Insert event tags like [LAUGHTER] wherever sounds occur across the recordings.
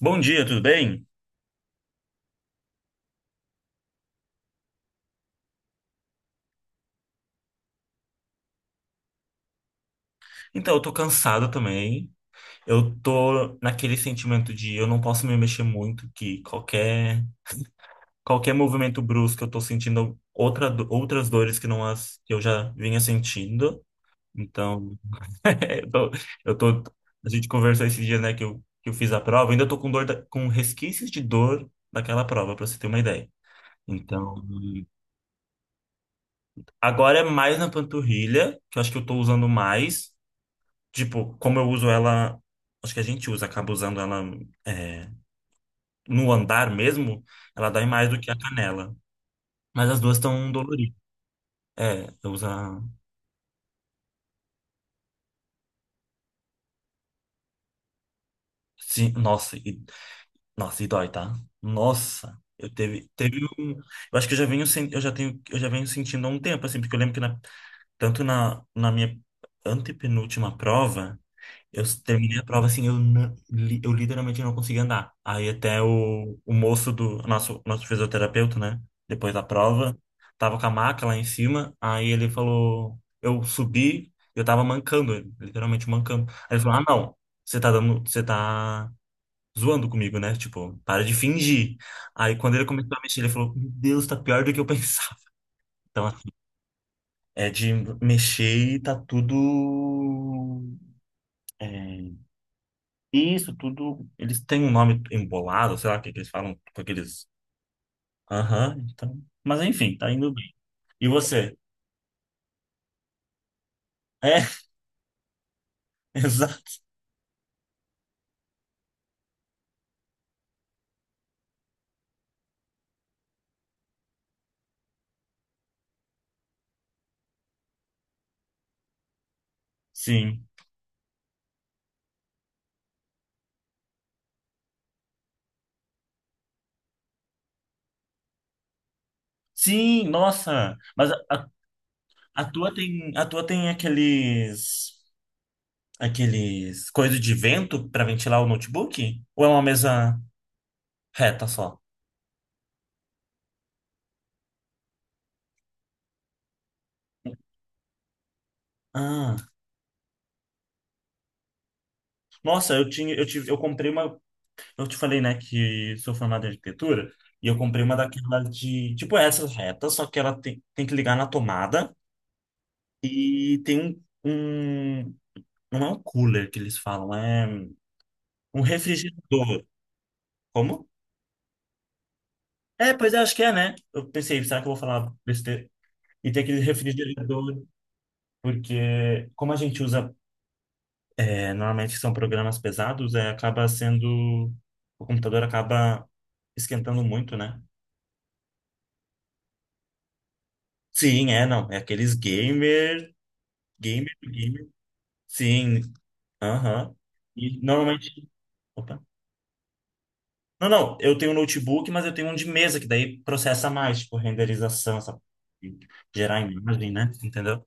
Bom dia, tudo bem? Então, eu tô cansado também. Eu tô naquele sentimento de eu não posso me mexer muito, que qualquer movimento brusco eu tô sentindo outra, outras dores que não as que eu já vinha sentindo. Então, [LAUGHS] eu tô, eu tô- a gente conversou esses dias, né, que eu fiz a prova, ainda tô com com resquícios de dor daquela prova, pra você ter uma ideia. Então, agora é mais na panturrilha, que eu acho que eu tô usando mais. Tipo, como eu uso ela, acho que acaba usando ela é, no andar mesmo, ela dói mais do que a canela. Mas as duas estão doloridas. É, eu uso. Sim, nossa, e, nossa, e dói, tá? Nossa, eu teve um. Eu acho que eu já venho sentindo há um tempo, assim, porque eu lembro que tanto na minha antepenúltima prova. Eu terminei a prova assim, eu literalmente não conseguia andar. Aí até o moço do nosso fisioterapeuta, né? Depois da prova, tava com a maca lá em cima. Aí ele falou, eu subi, eu tava mancando, literalmente mancando. Aí ele falou, ah, não, você tá zoando comigo, né? Tipo, para de fingir. Aí quando ele começou a mexer, ele falou, meu Deus, tá pior do que eu [LAUGHS] pensava. Então, assim, é de mexer e tá tudo. é, E isso tudo, eles têm um nome embolado, sei lá o que que eles falam com aqueles. Aham, então. Mas enfim, tá indo bem. E você? É, [LAUGHS] exato. Sim. Sim, nossa. Mas a tua tem aqueles coisas de vento para ventilar o notebook? Ou é uma mesa reta só? Ah, nossa, eu comprei uma. Eu te falei, né, que sou formado em arquitetura e eu comprei uma daquelas de, tipo, essas retas, só que ela tem que ligar na tomada e tem um, não é um cooler que eles falam, é um refrigerador. Como? É, pois é, acho que é, né? Eu pensei, será que eu vou falar besteira? E tem aquele refrigerador, porque como a gente usa, é, normalmente são programas pesados, é, acaba sendo, o computador acaba esquentando muito, né? Sim, é, não. É aqueles gamers. Gamer, gamer. Sim. Aham. E normalmente. Opa. Não, não, eu tenho um notebook, mas eu tenho um de mesa, que daí processa mais, tipo, renderização, essa... gerar imagem, né? Entendeu?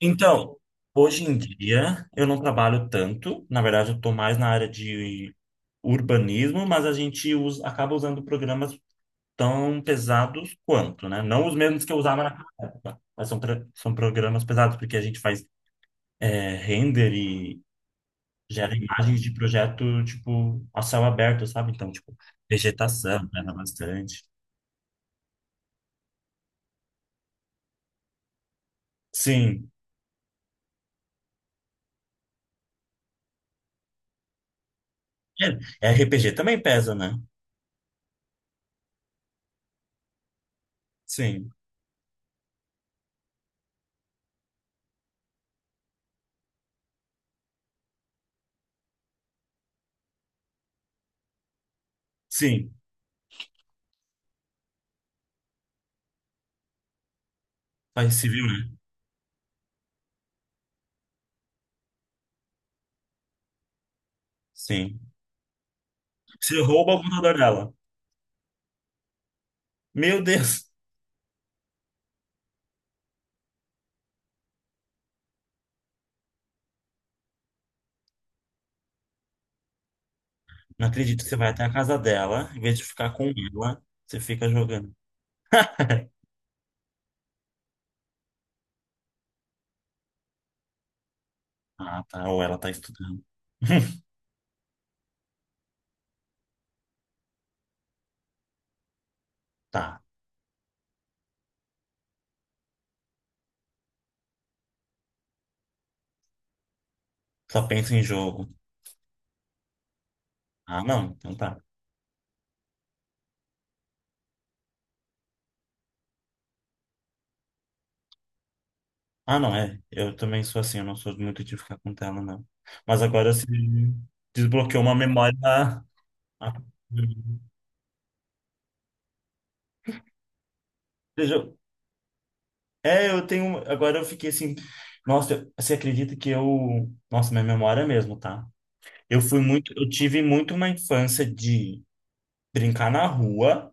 Então, hoje em dia, eu não trabalho tanto. Na verdade, eu estou mais na área de urbanismo, mas acaba usando programas tão pesados quanto, né? Não os mesmos que eu usava naquela época, mas são programas pesados, porque a gente faz é, render e gera imagens de projeto, tipo, a céu aberto, sabe? Então, tipo, vegetação pesa bastante. Sim. É, RPG também pesa, né? Sim. Sim. Faz civil, né? Sim. Você rouba o computador dela. Meu Deus! Não acredito que você vai até a casa dela, em vez de ficar com ela, você fica jogando. [LAUGHS] Ah, tá. Ou ela tá estudando. [LAUGHS] Tá. Só pensa em jogo. Ah, não. Então tá. Ah, não, é. Eu também sou assim, eu não sou muito de ficar com tela, não. Mas agora você desbloqueou uma memória. Ah, veja, eu- É, eu tenho. Agora eu fiquei assim. Você acredita que eu. Nossa, minha memória mesmo, tá? Eu fui muito. Eu tive muito uma infância de brincar na rua.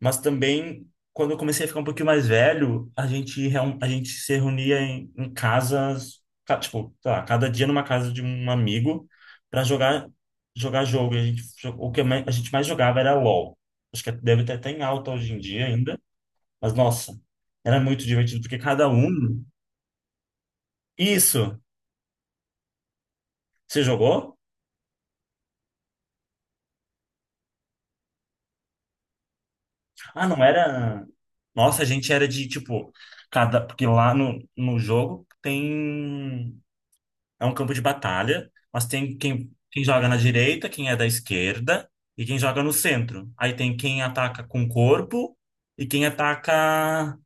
Mas também, quando eu comecei a ficar um pouquinho mais velho, a gente se reunia em, em tipo, sei lá, cada dia numa casa de um amigo para jogar jogo. E a gente mais jogava era LOL. Acho que deve ter até em alta hoje em dia ainda. Mas, nossa, era muito divertido, porque cada um... Isso! Você jogou? Ah, não era... Nossa, a gente era de, tipo, cada... Porque lá no jogo tem... É um campo de batalha, mas tem quem joga na direita, quem é da esquerda e quem joga no centro. Aí tem quem ataca com o corpo e quem ataca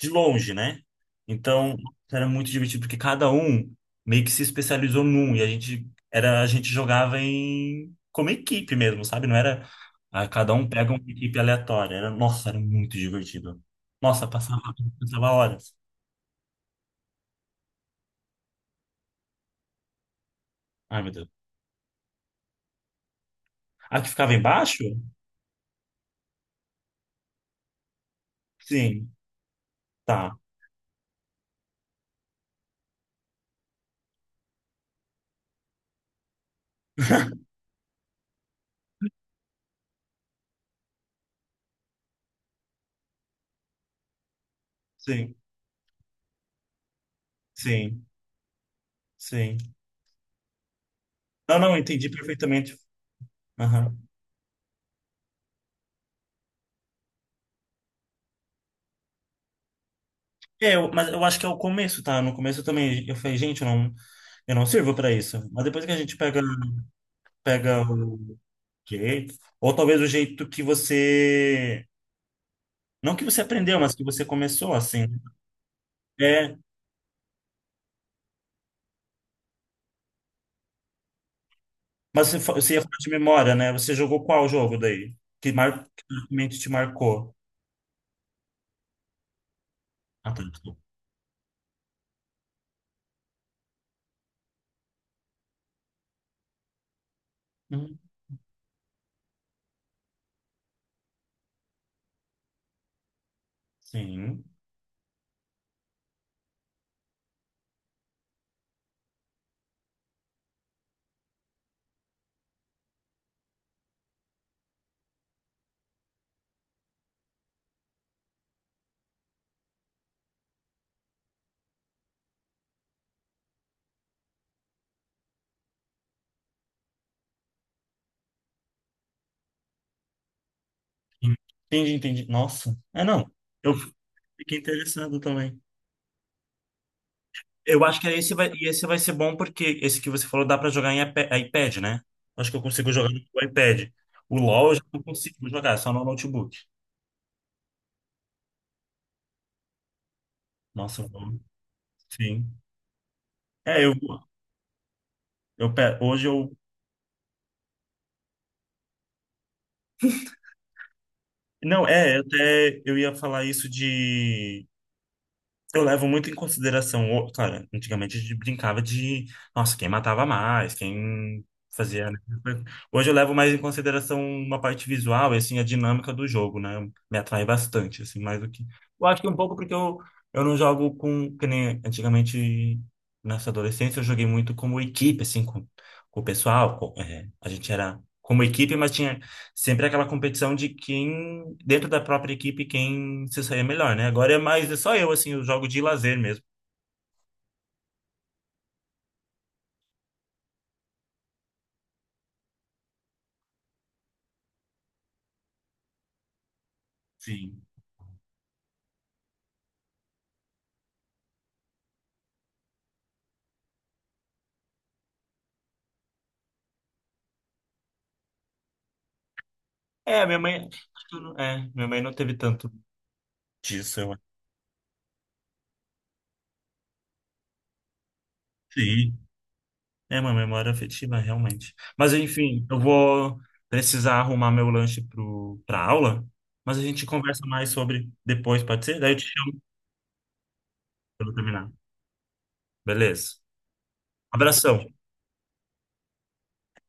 de longe, né? Então, era muito divertido porque cada um meio que se especializou num e a gente jogava em como equipe mesmo, sabe? Não era ah, cada um pega uma equipe aleatória. Era, nossa, era muito divertido. Nossa, passava horas. Ai, meu Deus. A que ficava embaixo? Sim, tá. Sim. Sim, sim. Não, não, entendi perfeitamente. Aham. Mas eu acho que é o começo, tá? No começo eu também, eu falei, gente, eu não sirvo pra isso. Mas depois que pega o jeito, ou talvez o jeito que você, não que você aprendeu, mas que você começou, assim. Né? É, mas você ia falar de memória, né? Você jogou qual jogo daí? Que realmente te marcou? Ah, tá, desculpa. Uhum. Sim. Entendi, entendi. Nossa. É, não. Eu fiquei interessado também. Eu acho que é e esse vai ser bom porque esse que você falou dá pra jogar em é iPad, né? Acho que eu consigo jogar no iPad. O LoL eu já não consigo jogar, só no notebook. Nossa, o LoL, sim. É, eu pe- hoje eu não, é, eu até eu ia falar isso de. Eu levo muito em consideração, claro, antigamente a gente brincava de, nossa, quem matava mais, quem fazia, né? Hoje eu levo mais em consideração uma parte visual e, assim, a dinâmica do jogo, né? Me atrai bastante, assim, mais do que... Eu acho que um pouco porque eu não jogo com, que nem antigamente, nessa adolescência, eu joguei muito como equipe, assim, com o pessoal, é, a gente era como equipe, mas tinha sempre aquela competição de quem, dentro da própria equipe, quem se sair melhor, né? Agora é mais, é só eu, assim, eu jogo de lazer mesmo. Sim. É, minha mãe, acho que eu não- é, minha mãe não teve tanto disso, eu acho. Sim. É uma memória afetiva, realmente. Mas enfim, eu vou precisar arrumar meu lanche pra aula, mas a gente conversa mais sobre depois, pode ser? Daí eu te chamo quando eu terminar. Beleza. Abração.